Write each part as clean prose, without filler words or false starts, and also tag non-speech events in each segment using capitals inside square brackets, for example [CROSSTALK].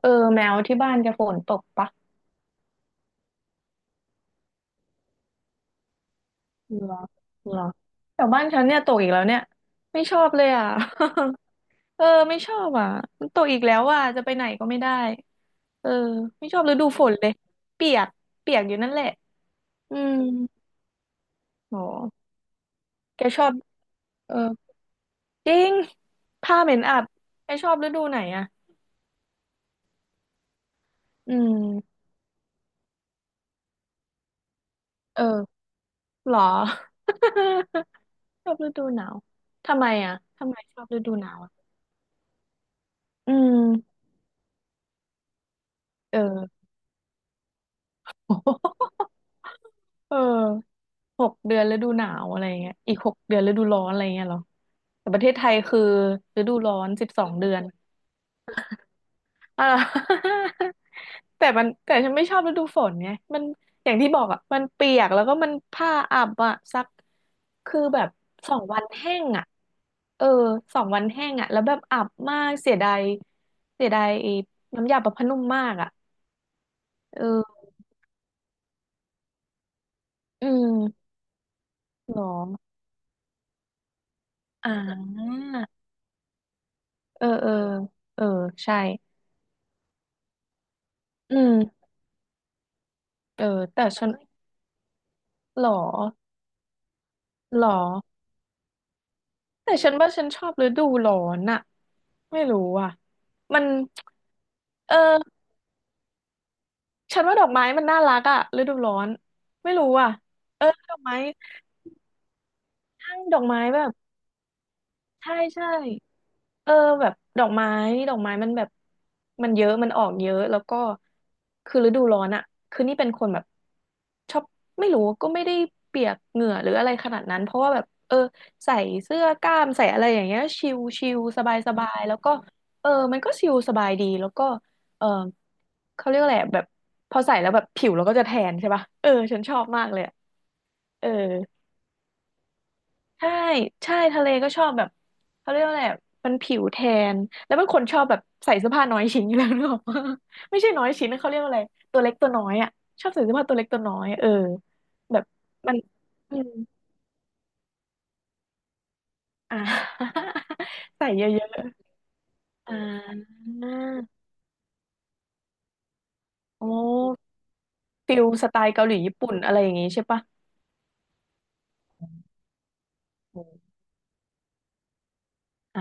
เออแมวที่บ้านจะฝนตกปะเหรอเหรอแต่บ้านฉันเนี่ยตกอีกแล้วเนี่ยไม่ชอบเลยอ่ะ [LAUGHS] เออไม่ชอบอ่ะมันตกอีกแล้วอ่ะจะไปไหนก็ไม่ได้เออไม่ชอบฤดูฝนเลยเปียกเปียกอยู่นั่นแหละอืมโหแกชอบเออจริงผ้าเหม็นอับแกชอบฤดูไหนอ่ะอืมเออเหรอ [LAUGHS] ชอบฤดูหนาวทำไมอ่ะทำไมชอบฤดูหนาวอะอืมเออ [LAUGHS] เออ 6 เดือนฤดูหนาวอะไรเงี้ยอีกหกเดือนฤดูร้อนอะไรเงี้ยเหรอแต่ประเทศไทยคือฤดูร้อน12 เดือนอ่า [LAUGHS] แต่ฉันไม่ชอบฤดูฝนไงมันอย่างที่บอกอ่ะมันเปียกแล้วก็มันผ้าอับอ่ะซัก คือแบบสองวันแห้งอ่ะเออสองวันแห้งอ่ะแล้วแบบอับมากเสียดายเสียดายไอ้น้ำยาประพผ้านุ่มมากอ่ะ เอออืมหรออ่าเออเออเออใช่อืม เออแต่ฉันหรอหรอแต่ฉันว่าฉันชอบฤดูร้อนอะไม่รู้อ่ะมันเออฉันว่าดอกไม้มันน่ารักอะฤดูร้อนไม่รู้อ่ะเออดอกไม้ทั้งดอกไม้แบบ ใช่ใช่เออแบบดอกไม้ดอกไม้มันแบบมันเยอะมันออกเยอะแล้วก็คือฤดูร้อนอะคือนี่เป็นคนแบบชอบไม่รู้ก็ไม่ได้เปียกเหงื่อหรืออะไรขนาดนั้นเพราะว่าแบบเออใส่เสื้อกล้ามใส่อะไรอย่างเงี้ยชิลชิลสบายสบายแล้วก็เออมันก็ชิลสบายดีแล้วก็เออเขาเรียกอะไรอะแบบพอใส่แล้วแบบผิวเราก็จะแทนใช่ป่ะเออฉันชอบมากเลยอะเออ ใช่ใช่ทะเลก็ชอบแบบเขาเรียกว่าอะไรอะมันผิวแทน แล้วเป็นคนชอบแบบใส่เสื้อผ้าน้อยชิ้นอยู่แล้ว [LAUGHS] นึกออกปะไม่ใช่น้อยชิ้นนะเขาเรียกว่าอะไรตัวเล็กตัวน้อยอ่ะชอบใส่เสื้อผ้าตัวเล็กตัวน้อยเออแบบมันอืมอ่า [LAUGHS] ใส่เยอะๆอ่าโอ้ฟิลสไตล์เกาหลีญี่ปุ่นอะไรอย่างงี้ใช่ปะ อ่า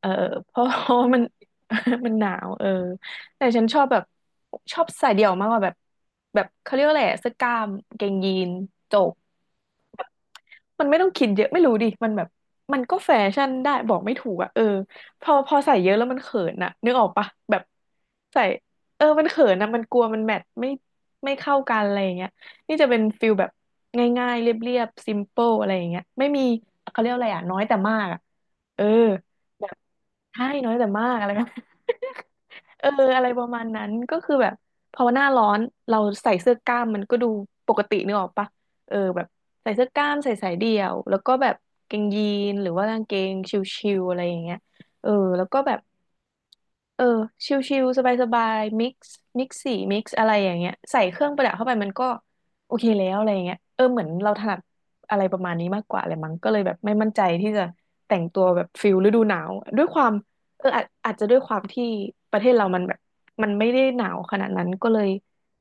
เออเพราะ [LAUGHS] เพราะว่ามัน [LAUGHS] มันหนาวเออแต่ฉันชอบแบบชอบใส่เดี่ยวมากกว่าแบบแบบเขาเรียกว่าอะไรอะเสื้อกล้ามกางเกงยีนโจกมันไม่ต้องคิดเยอะไม่รู้ดิมันแบบมันก็แฟชั่นได้บอกไม่ถูกอะเออพอใส่เยอะแล้วมันเขินอะนึกออกปะแบบใส่เออมันเขินอะมันกลัวมันแมทไม่เข้ากันอะไรอย่างเงี้ยนี่จะเป็นฟิลแบบง่ายๆเรียบๆซิมเปิลอะไรอย่างเงี้ยไม่มีเขาเรียกอะไรอะน้อยแต่มากอะ เออแบบใช่น้อยแต่มากอะไรกัน [LAUGHS] เอออะไรประมาณนั้นก็คือแบบพอหน้าร้อนเราใส่เสื้อกล้ามมันก็ดูปกตินึกออกปะเออแบบใส่เสื้อกล้ามใส่สายเดี่ยวแล้วก็แบบกางเกงยีนหรือว่ากางเกงชิวๆอะไรอย่างเงี้ยเออแล้วก็แบบเออชิวๆสบายๆมิกซ์สีมิกซ์อะไรอย่างเงี้ยใส่เครื่องประดับเข้าไปมันก็โอเคแล้วอะไรอย่างเงี้ยเออเหมือนเราถนัดอะไรประมาณนี้มากกว่าอะไรมั้งก็เลยแบบไม่มั่นใจที่จะแต่งตัวแบบฟิลฤดูหนาวด้วยความ เอออาจจะด้วยความที่ประเทศเรามันแบบมันไม่ได้หนาวขนาดนั้น ก็เลย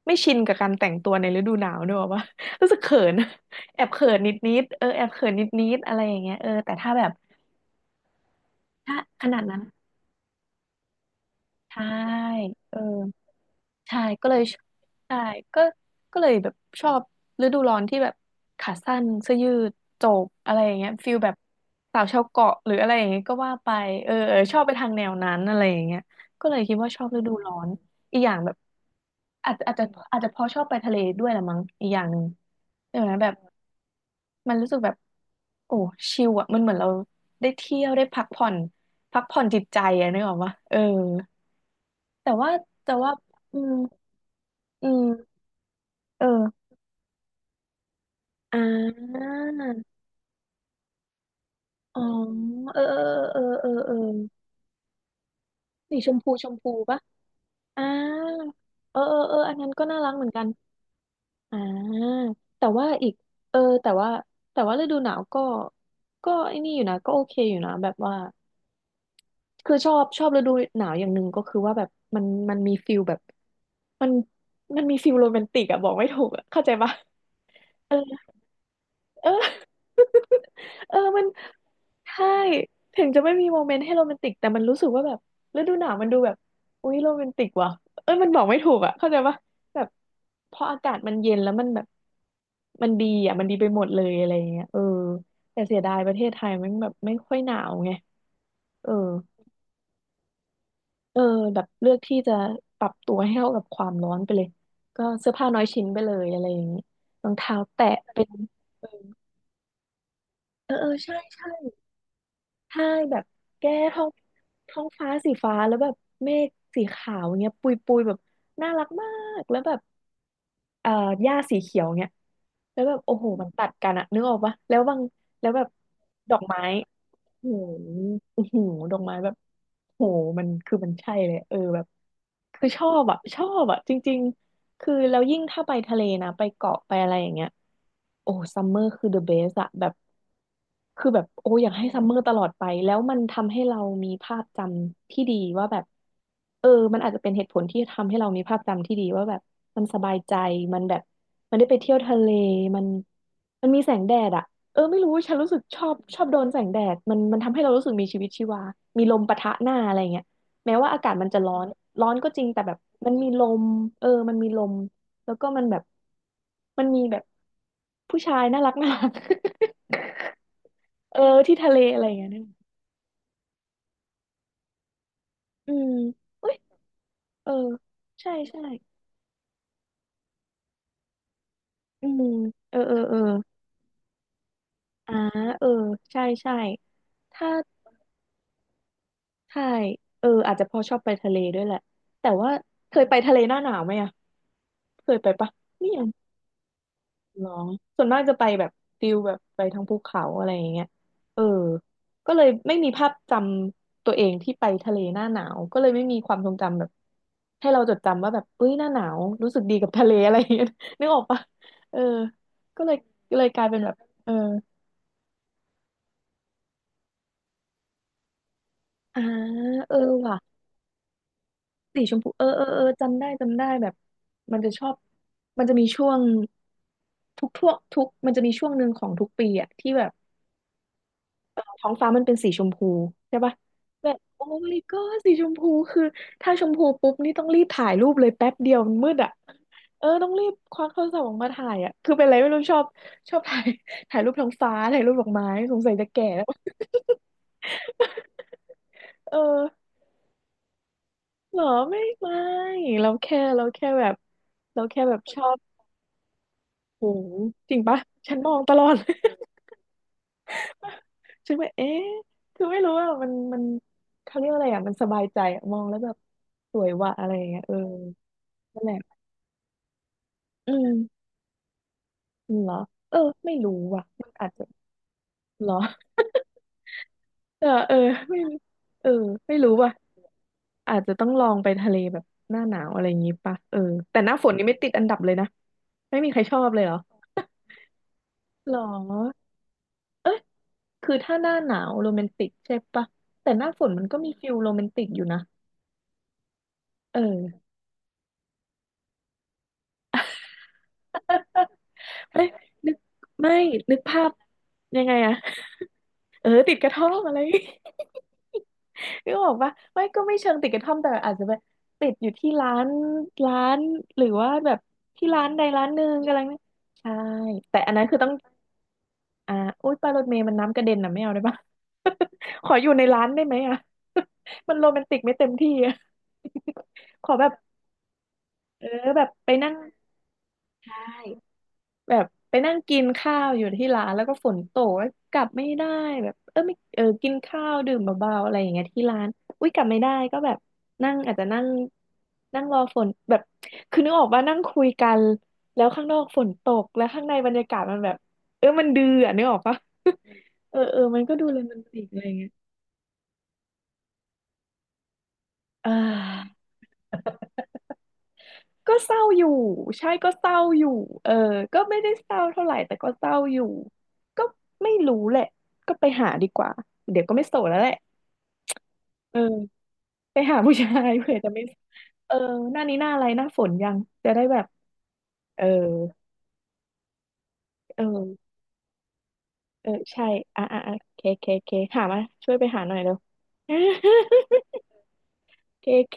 ไม่ชินกับการแต่งตัวในฤดูหนาวด้วยว่า [LAUGHS] รู้สึกเขิน [LAUGHS] แอบเขินนิดนิดเออแอบเขินนิดนิดอะไรอย่างเงี้ยเออแต่ถ้าแบบถ้าขนาดนั้นใช่เออ ใช่ก็เลยใช่ก็ก็เลยแบบชอบฤดูร้อนที่แบบขาสั้นเสื้อยืดโจกอะไรอย่างเงี้ยฟิลแบบสาวชาวเกาะหรืออะไรอย่างเงี้ยก็ว่าไปเออเออชอบไปทางแนวนั้นอะไรอย่างเงี้ยก็เลยคิดว่าชอบฤดูร้อนอีกอย่างแบบอาจจะอาจจะอาจจะเพอชอบไปทะเลด้วยละมั้งอีกอย่างหนึ่งใช่ไหมแบบมันรู้สึกแบบโอ้ชิลอะมันเหมือนเราได้เที่ยวได้พักผ่อนพักผ่อนจิตใจอะนึกออกปะเออแต่ว่าแต่ว่าอืมอืมเออ อ่าอ๋อเออเออเออเออเออสีชมพูชมพูปะอ่าเออเออเอออันนั้นก็น่ารักเหมือนกันอ่าแต่ว่าอีกเออแต่ว่าฤดูหนาวก็ก็ไอ้นี่อยู่นะก็โอเคอยู่นะแบบว่าคือชอบฤดูหนาวอย่างหนึ่งก็คือว่าแบบมันมีฟิลแบบมันมันมีฟิลโรแมนติกอะ บอกไม่ถูกอะเข้าใจปะ [LAUGHS] เออ [LAUGHS] เออมันใช่ถึงจะไม่มีโมเมนต์ให้โรแมนติกแต่มันรู้สึกว่าแบบฤดูหนาวมันดูแบบอุ๊ยโรแมนติกว่ะเอ้ยมันบอกไม่ถูกอ่ะเข้าใจปะแบบพออากาศมันเย็นแล้วมันแบบมันดีอ่ะมันดีไปหมดเลยอะไรอย่างเงี้ยเออแต่เสียดายประเทศไทยมันแบบไม่ค่อยหนาวไงเออเออแบบเลือกที่จะปรับตัวให้เข้ากับความร้อนไปเลยก็เสื้อผ้าน้อยชิ้นไปเลยอะไรอย่างงี้รองเท้าแตะเป็นเออเออเออใช่ใช่ ใช่แบบแก้ท้องท้องฟ้าสีฟ้าแล้วแบบเมฆสีขาวเงี้ยปุยปุยแบบน่ารักมากแล้วแบบเอ่อหญ้าสีเขียวเงี้ยแล้วแบบโอ้โหมันตัดกันอะนึกออกปะแล้วบางแล้วแบบดอกไม้โอ้โหโอ้โหดอกไม้แบบโหมันคือมันใช่เลยเออแบบคือชอบอะชอบอะจริงๆคือแล้วยิ่งถ้าไปทะเลนะไปเกาะไปอะไรอย่างเงี้ยโอ้ซัมเมอร์คือ the best อะแบบ คือแบบโอ้อยากให้ซัมเมอร์ตลอดไปแล้วทำให้เรามีภาพจำที่ดีว่าแบบเออมันอาจจะเป็นเหตุผลที่ทำให้เรามีภาพจำที่ดีว่าแบบมันสบายใจมันแบบมันได้ไปเที่ยวทะเลมันมันมีแสงแดดอะเออไม่รู้ฉันรู้สึกชอบชอบโดนแสงแดดมันทำให้เรารู้สึกมีชีวิตชีวามีลมปะทะหน้าอะไรเงี้ยแม้ว่าอากาศมันจะร้อนร้อนก็จริงแต่แบบมันมีลมเออมันมีลมแล้วก็มันแบบมันมีแบบผู้ชายน่ารักน่ารัก เออที่ทะเลอะไรอย่างเงี้ยน่ยออกอืมเอ้ยเออใช่ใช่อืมเออเออเอออ่าเออใช่ใช่ ถ้าใช่เอออาจจะเพอชอบไปทะเลด้วยแหละ แต่ว่าเคยไปทะเลหน้าหนาวไหมอ่ะเคยไปปะนี่ยัง หรอส่วนมากจะไปแบบฟิลแบบไปทางภูเขาอะไรอย่างเงี้ยเออก็เลยไม่มีภาพจำตัวเองที่ไปทะเลหน้าหนาวก็เลยไม่มีความทรงจำแบบให้เราจดจำว่าแบบเอ้ยหน้าหนาวรู้สึกดีกับทะเล [LAUGHS] อะไรอย่างเงี้ย [LAUGHS] นึกออกปะเออก็เลยก็เลยกลายเป็นแบบเอออ่าเออว่ะสีชมพูเออเออเออจำได้จำได้แบบมันจะชอบมันจะมีช่วงทุกทั่วทุกมันจะมีช่วงหนึ่งของทุกปีอะที่แบบ ท้องฟ้ามันเป็นสีชมพูใช่ปะแบบโอ้ my god สีชมพูคือถ้าชมพูปุ๊บนี่ต้องรีบถ่ายรูปเลยแป๊บเดียวมันมืดอ่ะเออต้องรีบควักโทรศัพท์ออกมาถ่ายอ่ะคือเป็นอะไรไม่รู้ชอบชอบถ่าย [LAUGHS] ถ่ายรูปท้องฟ้าถ่ายรูปดอกไม้สงสัยจะแก่แล้ว [LAUGHS] เออเหรอไม่ไม่เราแค่เราแค่แบบเราแค่แบบชอบโหจริงปะฉันมองตลอด ฉันแบบเอ๊ะคือไม่รู้ว่ามันเขาเรียกว่าอะไรอ่ะมันสบายใจอะมองแล้วแบบสวยว่ะอะไรอย่างเงี้ยเออนั่นแหละอืมเหรอเออไม่รู้ว่ะมันอาจจะเหรอ [LAUGHS] เออเออไม่เออไม่รู้ว่ะอาจจะต้องลองไปทะเลแบบหน้าหนาวอะไรอย่างงี้ปะเออแต่หน้าฝนนี่ไม่ติดอันดับเลยนะ ไม่มีใครชอบเลยเหรอหรอเอ๊ะคือถ้าหน้าหนาวโรแมนติกใช่ปะแต่หน้าฝนมันก็มีฟิลโรแมนติกอยู่นะเออ เอ้ยนึกไม่นึกภาพยังไงอะเออติดกระท่อมอะไร [LAUGHS] นึกออกปะไม่ก็ไม่เชิงติดกระท่อมแต่อาจจะแบบติดอยู่ที่ร้านร้านหรือว่าแบบที่ร้านใดร้านหนึ่งอะไรเงี้ยใช่แต่อันนั้นคือต้องอ่าอุ้ยปลารถเมล์มันน้ำกระเด็นนะไม่เอาได้ปะ [LAUGHS] ขออยู่ในร้านได้ไหมอะ [LAUGHS] มันโรแมนติกไม่เต็มที่อะ [LAUGHS] ขอแบบเออแบบไปนั่ง แบบไปนั่งกินข้าวอยู่ที่ร้านแล้วก็ฝนตกแล้วกลับไม่ได้แบบเออไม่เออกินข้าวดื่มเบาๆอะไรอย่างเงี้ยที่ร้านอุ้ยกลับไม่ได้ก็แบบนั่งอาจจะนั่งนั่งรอฝนแบบคือนึกออกว่านั่งคุยกันแล้วข้างนอกฝนตกแล้วข้างในบรรยากาศมันแบบเออมันดื้ออะนึกออกปะ [LAUGHS] เออเออมันก็ดูโรแมนติกอะไรอย่างเงี้ยอ่า ก็เศร้าอยู่ใช่ก็เศร้าอยู่เออก็ไม่ได้เศร้าเท่าไหร่แต่ก็เศร้าอยู่ก็ไม่รู้แหละก็ไปหาดีกว่าเดี๋ยวก็ไม่โสดแล้วแหละเออไปหาผู้ชาย [LAUGHS] เผื่อจะไม่เออหน้านี้หน้าอะไรหน้าฝนยังจะได้แบบเออเออเออใช่อ่ะอ่ะอ่ะเคเคเคหามาช่วยไปหาหน่อยเร็ว [LAUGHS] เคเค